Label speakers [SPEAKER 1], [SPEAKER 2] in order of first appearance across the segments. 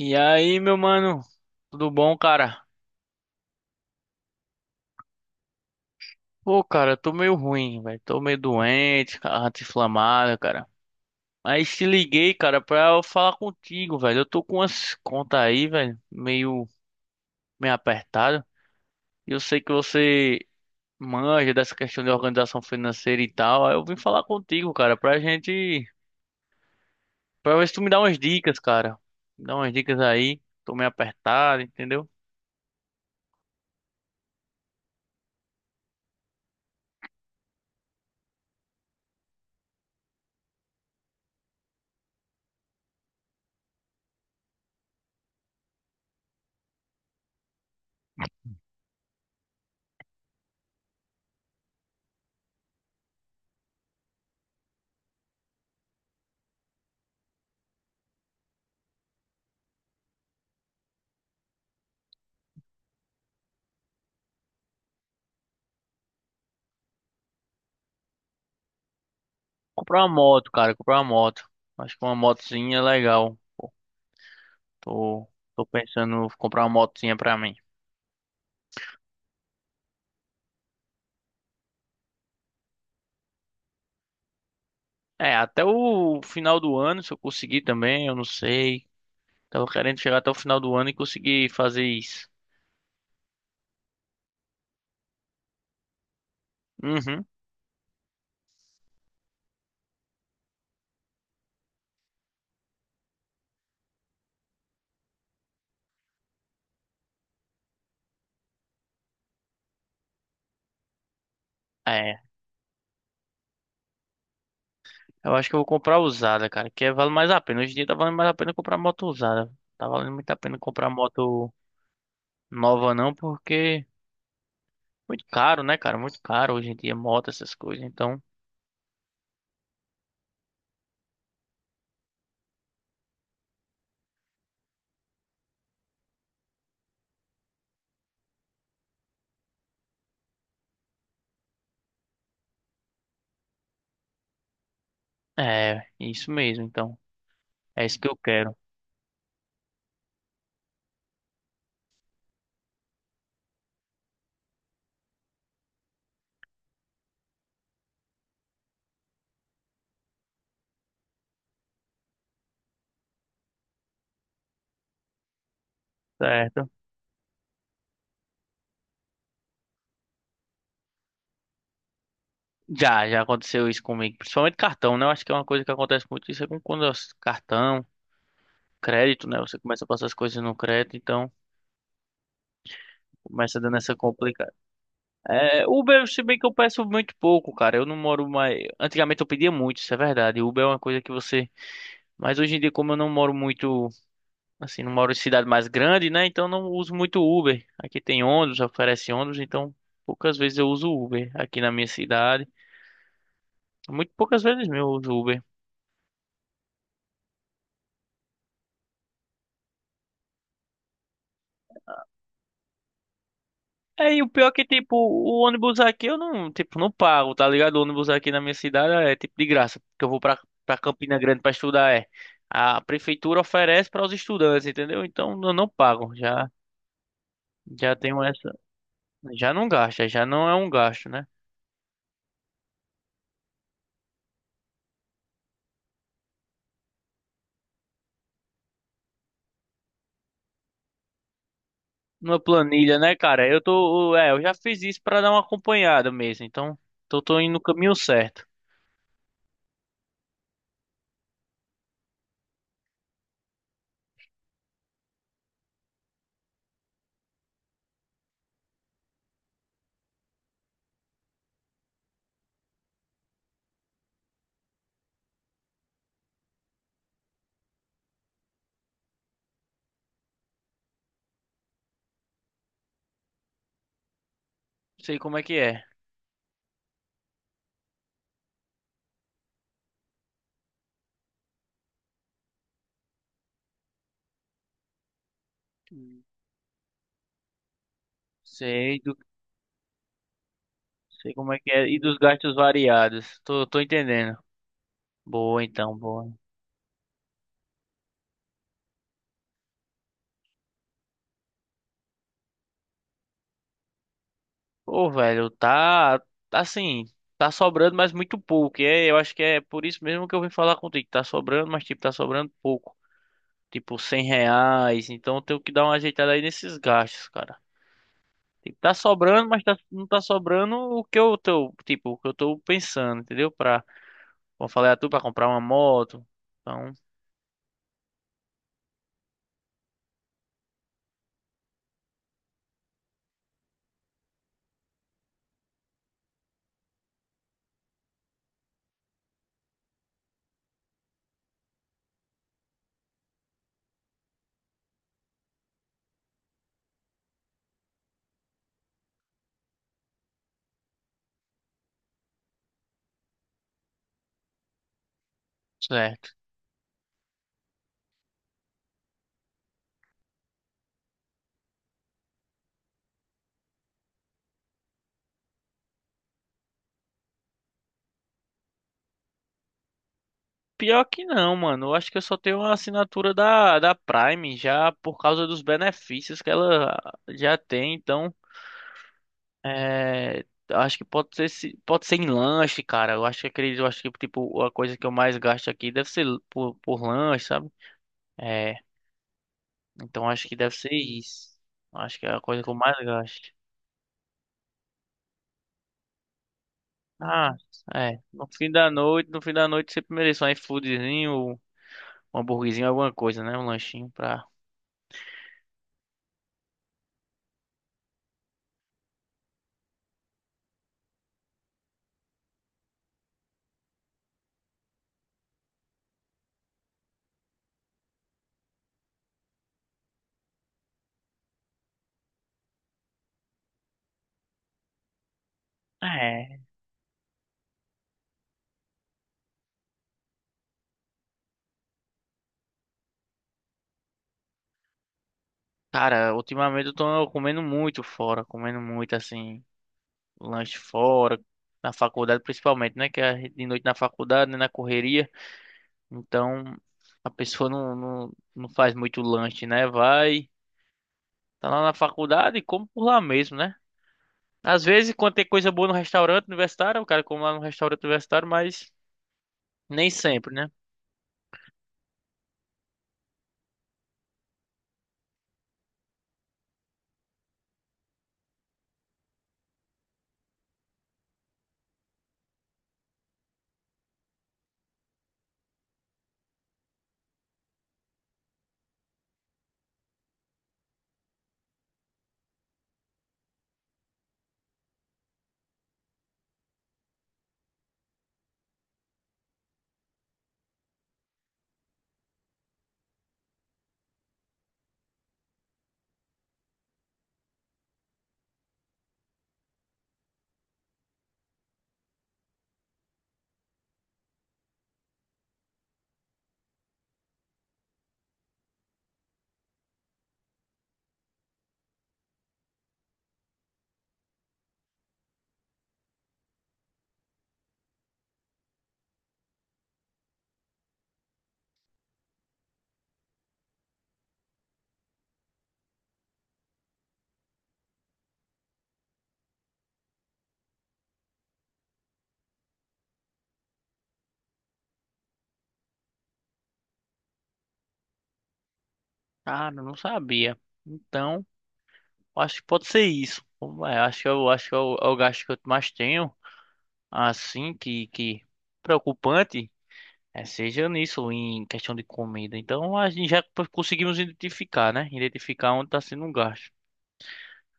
[SPEAKER 1] E aí, meu mano, tudo bom, cara? Pô, cara, eu tô meio ruim, velho. Tô meio doente, cara, inflamado, cara. Mas te liguei, cara, pra eu falar contigo, velho. Eu tô com umas contas aí, velho, meio, meio apertado. E eu sei que você manja dessa questão de organização financeira e tal. Aí eu vim falar contigo, cara, pra gente. Pra ver se tu me dá umas dicas, cara. Me dá umas dicas aí. Tô meio apertado, entendeu? Comprar uma moto, cara, comprar uma moto. Acho que uma motozinha é legal. Tô, tô pensando em comprar uma motinha pra mim. É, até o final do ano, se eu conseguir também, eu não sei. Tava querendo chegar até o final do ano e conseguir fazer isso. Uhum. É, eu acho que eu vou comprar usada, cara, que vale mais a pena. Hoje em dia tá valendo mais a pena comprar moto usada. Tá valendo muito a pena comprar moto nova não, porque muito caro, né, cara? Muito caro hoje em dia moto, essas coisas. Então, é, isso mesmo, então. É isso que eu quero, certo? Já, já aconteceu isso comigo, principalmente cartão, né? Eu acho que é uma coisa que acontece muito isso é quando é cartão, crédito, né? Você começa a passar as coisas no crédito, então começa dando essa complicada. É, Uber, se bem que eu peço muito pouco, cara. Eu não moro mais. Antigamente eu pedia muito, isso é verdade. Uber é uma coisa que você. Mas hoje em dia, como eu não moro muito, assim, não moro em cidade mais grande, né? Então eu não uso muito Uber. Aqui tem ônibus, oferece ônibus, então poucas vezes eu uso Uber aqui na minha cidade. Muito poucas vezes mesmo eu uso Uber. É, e o pior é que, tipo, o ônibus aqui eu não, tipo, não pago, tá ligado? O ônibus aqui na minha cidade é, tipo, de graça, porque eu vou pra, pra Campina Grande pra estudar, é. A prefeitura oferece para os estudantes, entendeu? Então eu não pago, já, já tenho essa, já não gasta, já não é um gasto, né? Numa planilha, né, cara? Eu tô, é, eu já fiz isso pra dar uma acompanhada mesmo, então tô, tô indo no caminho certo. Sei como é que é. Sei do, sei como é que é e dos gastos variados. Tô, tô entendendo. Boa, então, boa. Pô, velho, tá tá assim, tá sobrando, mas muito pouco. E é, eu acho que é por isso mesmo que eu vim falar contigo. Tá sobrando, mas tipo, tá sobrando pouco. Tipo, R$ 100. Então eu tenho que dar uma ajeitada aí nesses gastos, cara. Tipo, tá sobrando, mas tá, não tá sobrando o que eu tô, tipo, o que eu tô pensando, entendeu? Pra, como eu falei a tu, pra comprar uma moto. Então, certo. Pior que não, mano. Eu acho que eu só tenho uma assinatura da Prime já por causa dos benefícios que ela já tem, então. É, acho que pode ser, pode ser em lanche, cara. Eu acho que acredito, eu acho que tipo a coisa que eu mais gasto aqui deve ser por lanche, sabe? É, então acho que deve ser isso. Acho que é a coisa que eu mais gasto. Ah, é. No fim da noite, no fim da noite sempre mereço um iFoodzinho, um hambúrguerzinho, alguma coisa, né? Um lanchinho pra. É. Cara, ultimamente eu tô comendo muito fora, comendo muito assim, lanche fora, na faculdade principalmente, né? Que é de noite na faculdade, né? Na correria. Então a pessoa não faz muito lanche, né? Vai, tá lá na faculdade e come por lá mesmo, né? Às vezes, quando tem coisa boa no restaurante universitário, o cara come lá no restaurante universitário, mas nem sempre, né? Cara, eu não sabia. Então, acho que pode ser isso. Vamos lá. Acho que eu acho que é o é o gasto que eu mais tenho, assim, que preocupante, é, seja nisso, em questão de comida. Então, a gente já conseguimos identificar, né? Identificar onde está sendo um gasto.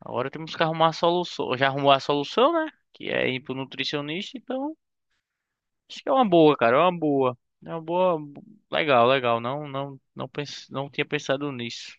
[SPEAKER 1] Agora temos que arrumar a solução. Já arrumou a solução, né? Que é ir pro nutricionista, então acho que é uma boa, cara, é uma boa. É uma boa, legal, legal. Não, não tinha pensado nisso.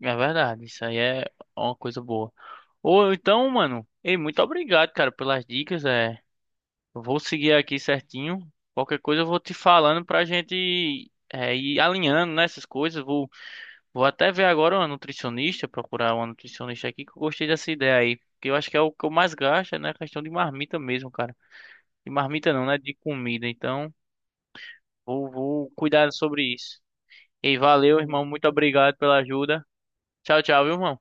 [SPEAKER 1] É verdade, isso aí é uma coisa boa. Ou então, mano, ei, muito obrigado, cara, pelas dicas. É, eu vou seguir aqui certinho. Qualquer coisa eu vou te falando pra gente é, ir alinhando, né, essas coisas. Vou Vou até ver agora uma nutricionista, procurar uma nutricionista aqui, que eu gostei dessa ideia aí. Porque eu acho que é o que eu mais gasto, né? A questão de marmita mesmo, cara. De marmita não, né? De comida. Então, vou, vou cuidar sobre isso. E aí, valeu, irmão. Muito obrigado pela ajuda. Tchau, tchau, viu, irmão?